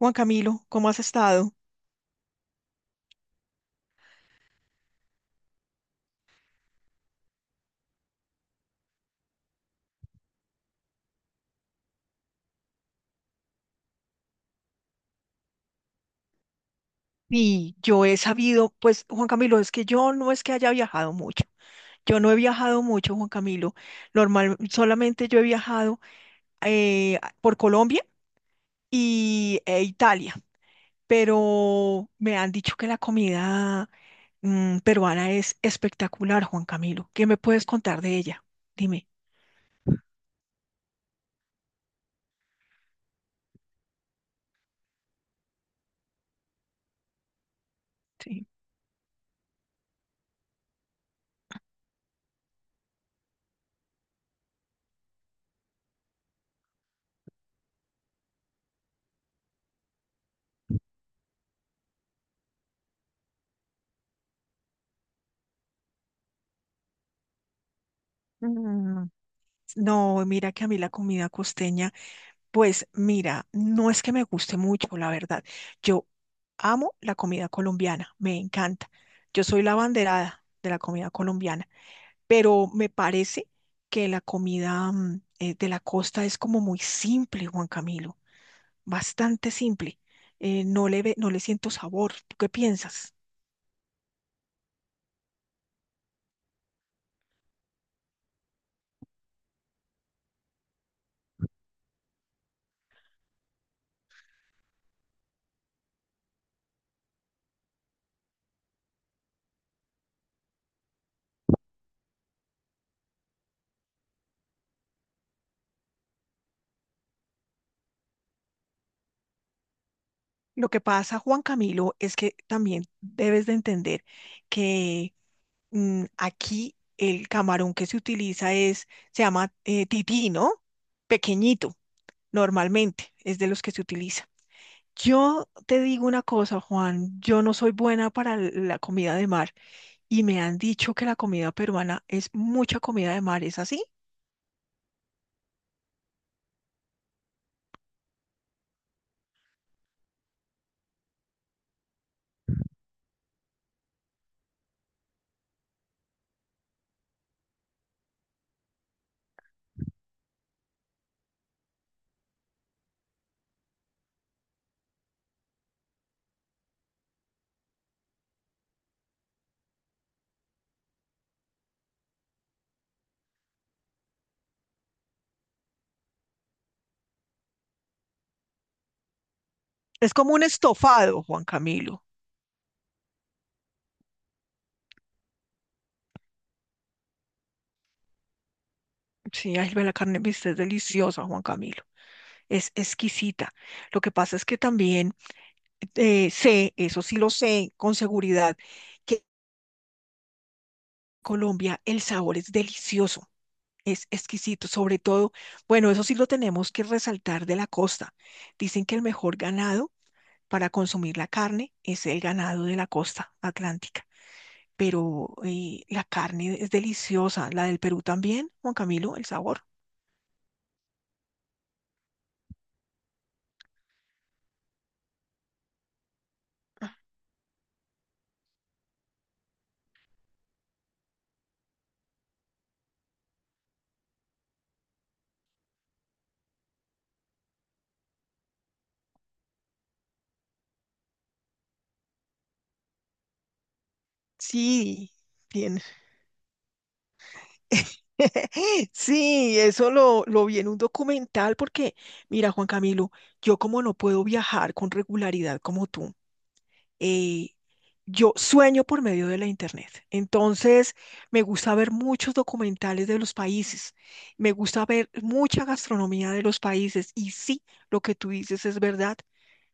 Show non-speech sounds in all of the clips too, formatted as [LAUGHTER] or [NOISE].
Juan Camilo, ¿cómo has estado? Y yo he sabido, pues Juan Camilo, es que yo no es que haya viajado mucho. Yo no he viajado mucho, Juan Camilo. Normal, solamente yo he viajado por Colombia y e Italia, pero me han dicho que la comida peruana es espectacular, Juan Camilo. ¿Qué me puedes contar de ella? Dime. Sí. Mm, no, mira que a mí la comida costeña. Pues mira, no es que me guste mucho, la verdad. Yo amo la comida colombiana, me encanta. Yo soy la abanderada de la comida colombiana, pero me parece que la comida de la costa es como muy simple, Juan Camilo, bastante simple. No le siento sabor. ¿Tú qué piensas? Lo que pasa, Juan Camilo, es que también debes de entender que aquí el camarón que se utiliza se llama tití, ¿no? Pequeñito, normalmente, es de los que se utiliza. Yo te digo una cosa, Juan, yo no soy buena para la comida de mar y me han dicho que la comida peruana es mucha comida de mar, ¿es así? Es como un estofado, Juan Camilo. Sí, ay, ve, la carne de bistec es deliciosa, Juan Camilo. Es exquisita. Lo que pasa es que también sé, eso sí lo sé con seguridad, que Colombia, el sabor es delicioso, es exquisito, sobre todo, bueno, eso sí lo tenemos que resaltar de la costa. Dicen que el mejor ganado para consumir la carne es el ganado de la costa atlántica, pero la carne es deliciosa, la del Perú también, Juan Camilo, el sabor. Sí, bien. [LAUGHS] Sí, eso lo vi en un documental porque, mira, Juan Camilo, yo como no puedo viajar con regularidad como tú, eh, yo sueño por medio de la internet. Entonces, me gusta ver muchos documentales de los países, me gusta ver mucha gastronomía de los países y sí, lo que tú dices es verdad,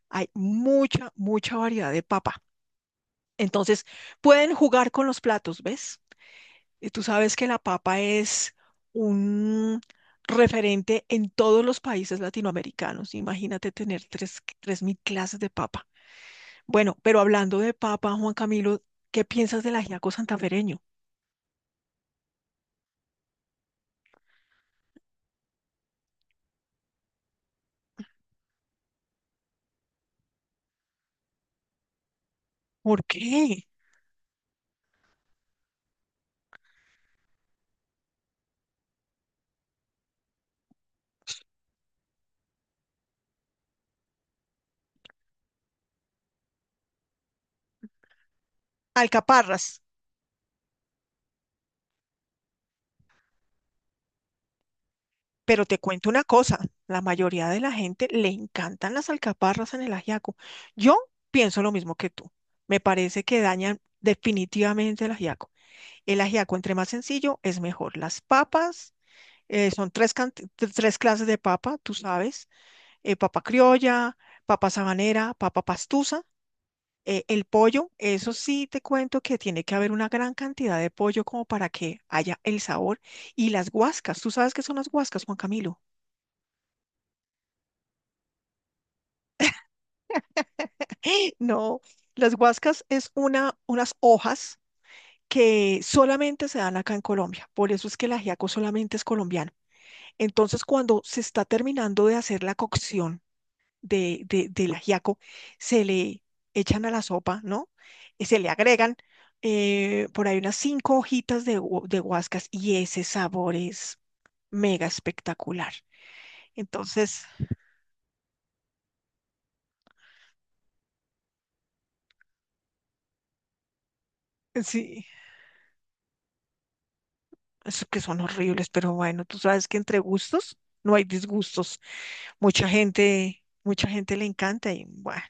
hay mucha, mucha variedad de papa. Entonces, pueden jugar con los platos, ¿ves? Y tú sabes que la papa es un referente en todos los países latinoamericanos. Imagínate tener tres mil clases de papa. Bueno, pero hablando de papa, Juan Camilo, ¿qué piensas del ajiaco santafereño? ¿Por qué? Alcaparras. Pero te cuento una cosa, la mayoría de la gente le encantan las alcaparras en el ajiaco. Yo pienso lo mismo que tú. Me parece que dañan definitivamente el ajiaco. El ajiaco, entre más sencillo, es mejor. Las papas, son tres, tres clases de papa, tú sabes, papa criolla, papa sabanera, papa pastusa. El pollo, eso sí te cuento que tiene que haber una gran cantidad de pollo como para que haya el sabor. Y las guascas, ¿tú sabes qué son las guascas, Juan Camilo? [LAUGHS] No, las guascas es unas hojas que solamente se dan acá en Colombia. Por eso es que el ajiaco solamente es colombiano. Entonces, cuando se está terminando de hacer la cocción, del ajiaco se le echan a la sopa, ¿no? Y se le agregan por ahí unas 5 hojitas de guascas y ese sabor es mega espectacular. Entonces, sí, es que son horribles, pero bueno, tú sabes que entre gustos no hay disgustos. Mucha gente le encanta y bueno,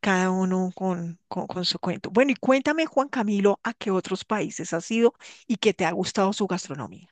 cada uno con su cuento. Bueno, y cuéntame, Juan Camilo, a qué otros países has ido y qué te ha gustado su gastronomía.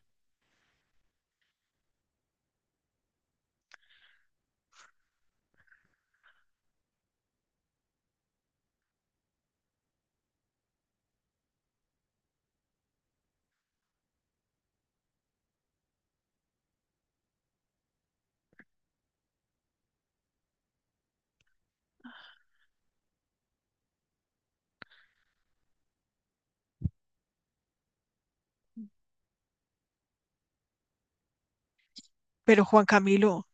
Pero Juan Camilo,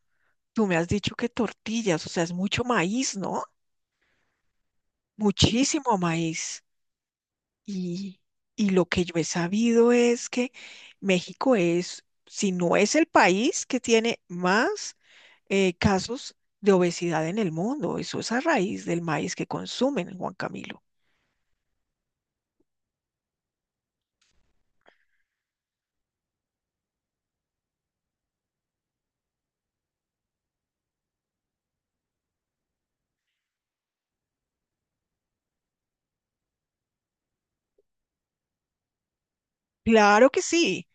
tú me has dicho que tortillas, o sea, es mucho maíz, ¿no? Muchísimo maíz. Y, y lo que yo he sabido es que México es, si no es el país que tiene más casos de obesidad en el mundo, eso es a raíz del maíz que consumen, Juan Camilo. Claro que sí.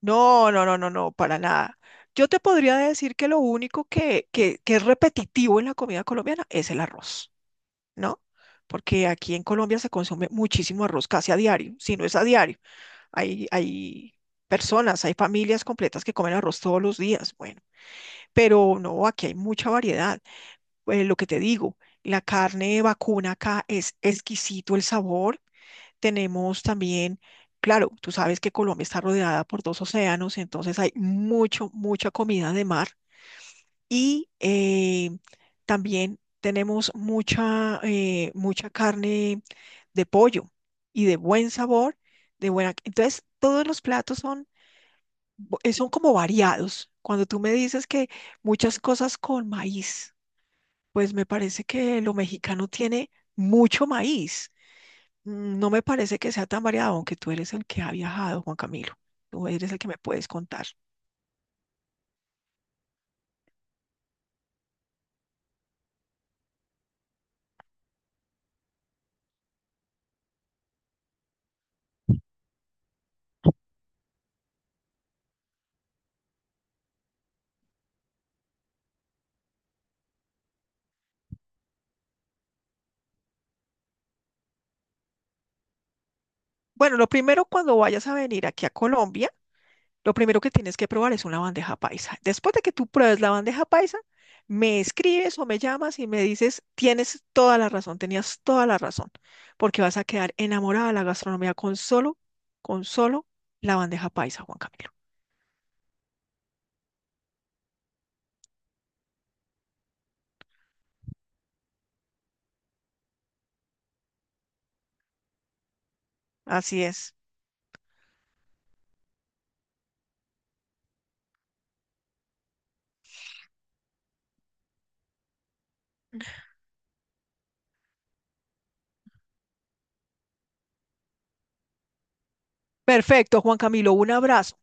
No, no, no, no, no, para nada. Yo te podría decir que lo único que es repetitivo en la comida colombiana es el arroz, ¿no? Porque aquí en Colombia se consume muchísimo arroz casi a diario, si no es a diario. Hay personas, hay familias completas que comen arroz todos los días, bueno, pero no, aquí hay mucha variedad. Lo que te digo, la carne vacuna acá es exquisito el sabor, tenemos también, claro, tú sabes que Colombia está rodeada por 2 océanos, entonces hay mucho, mucha comida de mar y también tenemos mucha carne de pollo y de buen sabor, de buena. Entonces, todos los platos son, son como variados. Cuando tú me dices que muchas cosas con maíz, pues me parece que lo mexicano tiene mucho maíz. No me parece que sea tan variado, aunque tú eres el que ha viajado, Juan Camilo. Tú eres el que me puedes contar. Bueno, lo primero cuando vayas a venir aquí a Colombia, lo primero que tienes que probar es una bandeja paisa. Después de que tú pruebes la bandeja paisa, me escribes o me llamas y me dices, tienes toda la razón, tenías toda la razón, porque vas a quedar enamorada de la gastronomía con solo la bandeja paisa, Juan Camilo. Así es. Perfecto, Juan Camilo, un abrazo.